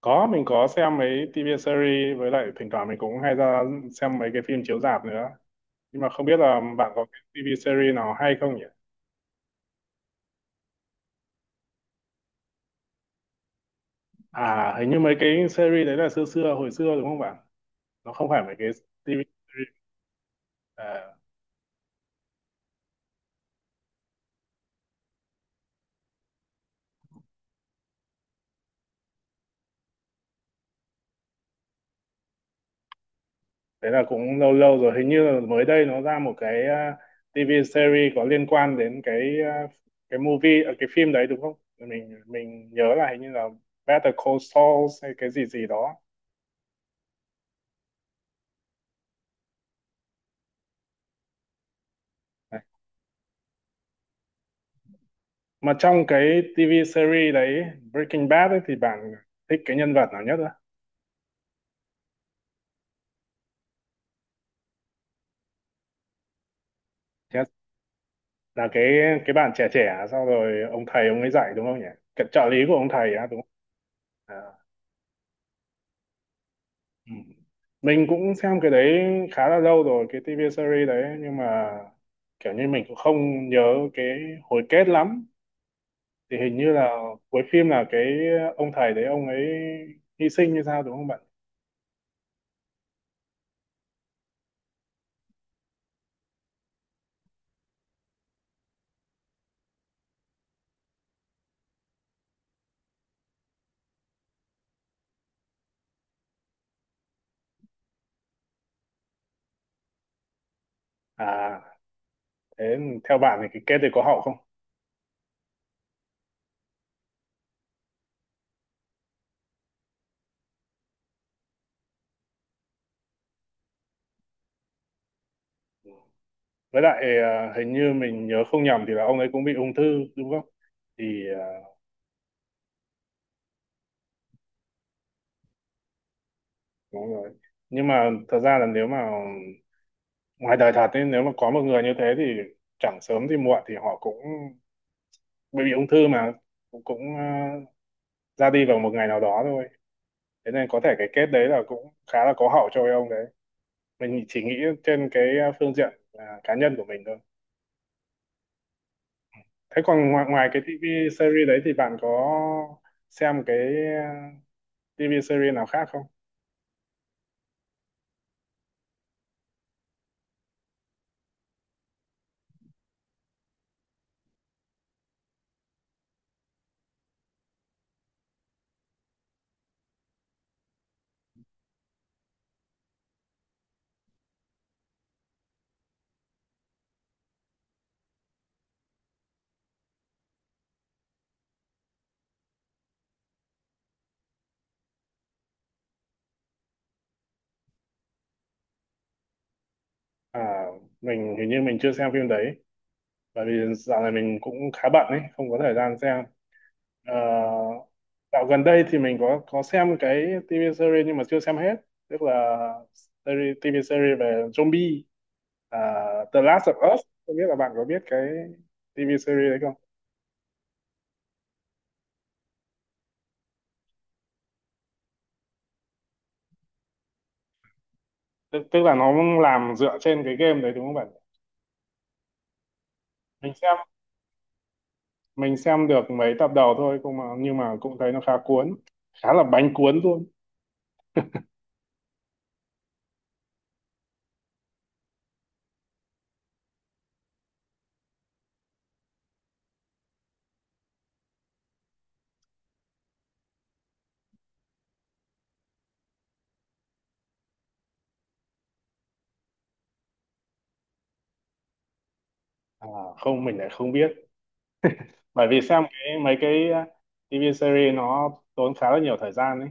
Có, mình có xem mấy TV series, với lại thỉnh thoảng mình cũng hay ra xem mấy cái phim chiếu rạp nữa. Nhưng mà không biết là bạn có cái TV series nào hay không nhỉ? À, hình như mấy cái series đấy là xưa xưa, hồi xưa đúng không bạn? Nó không phải mấy cái TV series. À, đấy là cũng lâu lâu rồi. Hình như là mới đây nó ra một cái TV series có liên quan đến à, cái movie, à, cái phim đấy đúng không? Mình nhớ là hình như là Better Call Saul hay cái gì gì đó. Mà trong cái TV series đấy, Breaking Bad ấy, thì bạn thích cái nhân vật nào nhất á? Thế là cái bạn trẻ trẻ sau rồi ông thầy ông ấy dạy đúng không nhỉ? Cái trợ lý của ông thầy á đúng không? À. Ừ. Mình cũng xem cái đấy khá là lâu rồi, cái TV series đấy, nhưng mà kiểu như mình cũng không nhớ cái hồi kết lắm. Thì hình như là cuối phim là cái ông thầy đấy ông ấy hy sinh như sao đúng không bạn? À, thế theo bạn thì cái kết thì có hậu không? Với lại à, hình như mình nhớ không nhầm thì là ông ấy cũng bị ung thư đúng không thì đúng rồi. Nhưng mà thật ra là nếu mà ngoài đời thật ấy, nếu mà có một người như thế thì chẳng sớm thì muộn thì họ cũng bị ung thư mà cũng ra đi vào một ngày nào đó thôi. Thế nên có thể cái kết đấy là cũng khá là có hậu cho ông đấy, mình chỉ nghĩ trên cái phương diện cá nhân của mình thôi. Thế còn ngoài cái TV series đấy thì bạn có xem à, TV series nào khác không? À, mình hình như mình chưa xem phim đấy, bởi vì dạo này mình cũng khá bận ấy, không có thời gian xem. Ờ, Dạo gần đây thì mình có xem cái TV series nhưng mà chưa xem hết, tức là series, TV series về zombie, à, The Last of Us, không biết là bạn có biết cái TV series đấy không? Tức là nó làm dựa trên cái game đấy đúng không bạn? Mình xem mình xem được mấy tập đầu thôi cũng mà, nhưng mà cũng thấy nó khá cuốn, khá là bánh cuốn luôn. à, Không, mình lại không biết, bởi vì xem cái mấy cái TV series nó tốn khá là nhiều thời gian ấy.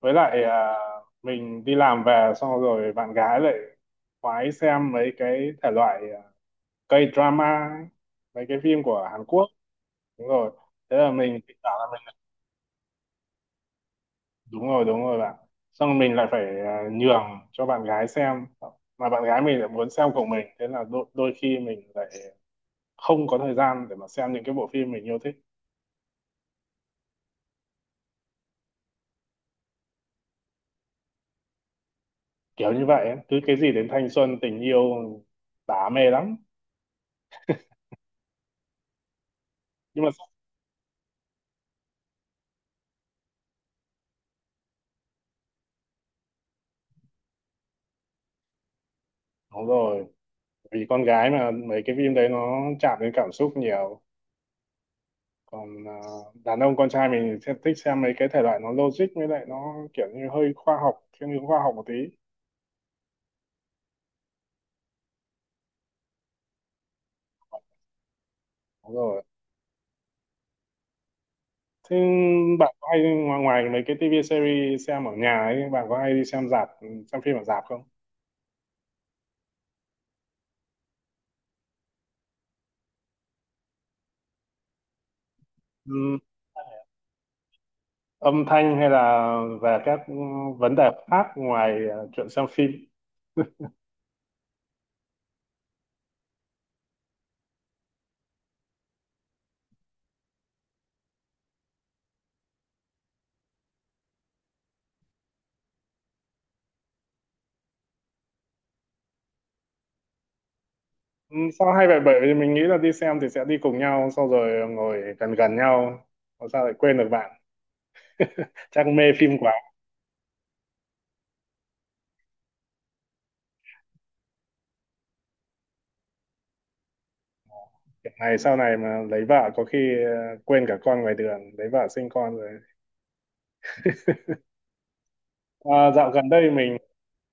Với lại mình đi làm về xong rồi bạn gái lại khoái xem mấy cái thể loại K-drama ấy, mấy cái phim của Hàn Quốc. Đúng rồi. Thế là mình tự bảo là mình, đúng rồi bạn, xong rồi mình lại phải nhường cho bạn gái xem, mà bạn gái mình lại muốn xem cùng mình, thế là đôi khi mình lại không có thời gian để mà xem những cái bộ phim mình yêu thích, kiểu như vậy ấy. Cứ cái gì đến thanh xuân tình yêu tả mê lắm, nhưng mà đúng rồi, vì con gái mà mấy cái phim đấy nó chạm đến cảm xúc nhiều. Còn đàn ông con trai mình sẽ thích xem mấy cái thể loại nó logic, với lại nó kiểu như hơi khoa học, thiên hướng khoa học một tí. Đúng rồi. Thế bạn có hay, ngoài mấy cái TV series xem ở nhà ấy, bạn có hay đi xem rạp, xem phim ở rạp không? Ừm, âm thanh hay là về các vấn đề khác ngoài chuyện xem phim? Ừ, sao hay vậy, bởi vì mình nghĩ là đi xem thì sẽ đi cùng nhau sau rồi ngồi gần gần nhau. Mà sao lại quên được bạn? Chắc mê phim quá. Kiểu này sau này mà lấy vợ có khi ờ, quên cả con ngoài đường, lấy vợ sinh con rồi. À, dạo gần đây mình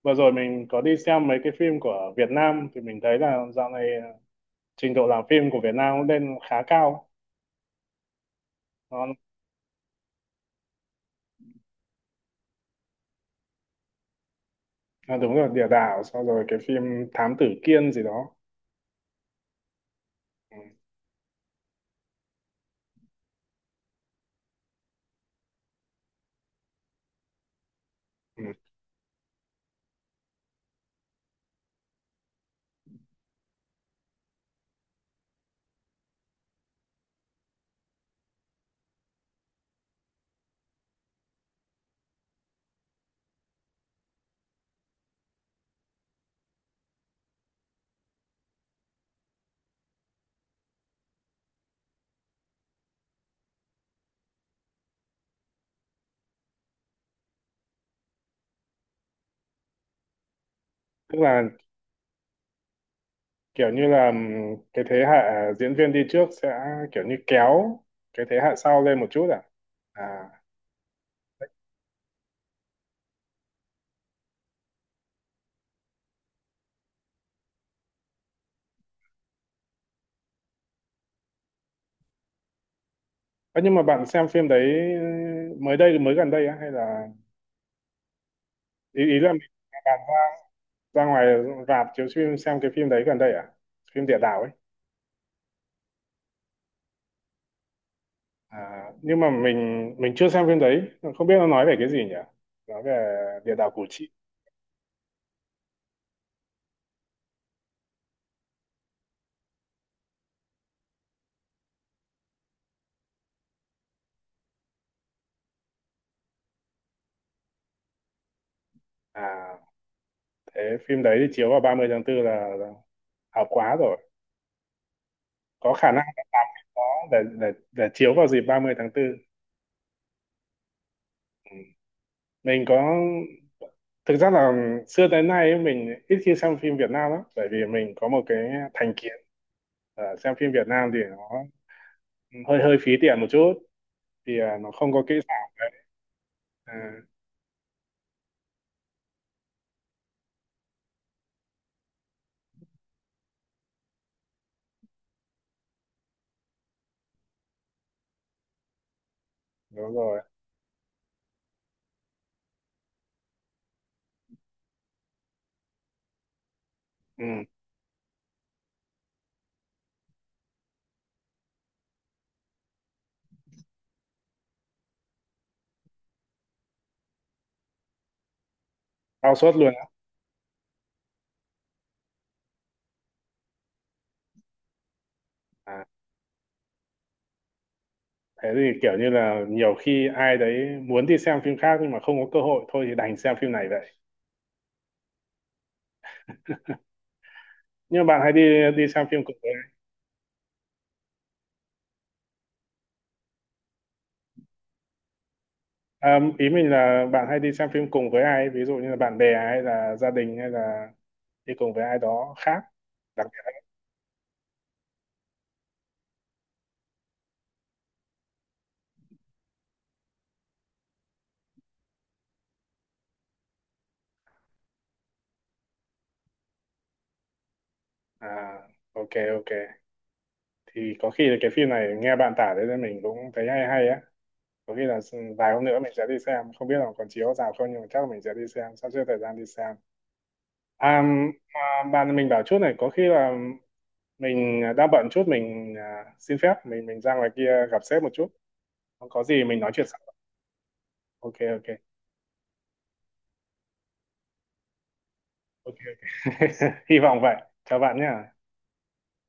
vừa rồi mình có đi xem mấy cái phim của Việt Nam thì mình thấy là dạo này trình độ làm phim của Việt Nam cũng lên khá cao. Nó đúng rồi, địa đạo, sau rồi cái phim Thám Tử Kiên gì đó. Ừ. Ừ. Tức là kiểu như là cái thế hệ diễn viên đi trước sẽ kiểu như kéo cái thế hệ sau lên một chút à? À. Ơ, nhưng mà bạn xem phim đấy mới đây mới gần đây á hay là, ý ý là mình- bạn ra ngoài rạp chiếu phim xem cái phim đấy gần đây à, phim địa đạo ấy? À, nhưng mà mình chưa xem phim đấy, không biết nó nói về cái gì nhỉ, nói về địa đạo Củ Chi? À, thế phim đấy thì chiếu vào 30 tháng 4 là hợp quá rồi. Có khả năng có để để chiếu vào dịp 30 tháng 4. Ừ. Mình có, thực ra là xưa tới nay ấy, mình ít khi xem phim Việt Nam lắm bởi vì mình có một cái thành kiến. Xem phim Việt Nam thì nó hơi hơi phí tiền một chút, thì nó không có kỹ xảo đấy. À, đúng rồi. Ừ, cao suất luôn á. À, thế thì kiểu như là nhiều khi ai đấy muốn đi xem phim khác nhưng mà không có cơ hội thôi thì đành xem phim này vậy. Nhưng mà bạn hay đi, đi xem phim cùng? À, ý mình là bạn hay đi xem phim cùng với ai, ví dụ như là bạn bè hay là gia đình hay là đi cùng với ai đó khác. Đặc biệt là, ok ok. Thì có khi là cái phim này nghe bạn tả đấy nên mình cũng thấy hay hay á. Có khi là vài hôm nữa mình sẽ đi xem, không biết là còn chiếu rạp không nhưng mà chắc là mình sẽ đi xem, sắp xếp thời gian đi xem. À, mà bạn mình bảo chút này, có khi là mình đang bận chút, mình xin phép mình ra ngoài kia gặp sếp một chút. Có gì mình nói chuyện sau. Ok ok. Ok hy vọng vậy, chào bạn nhé.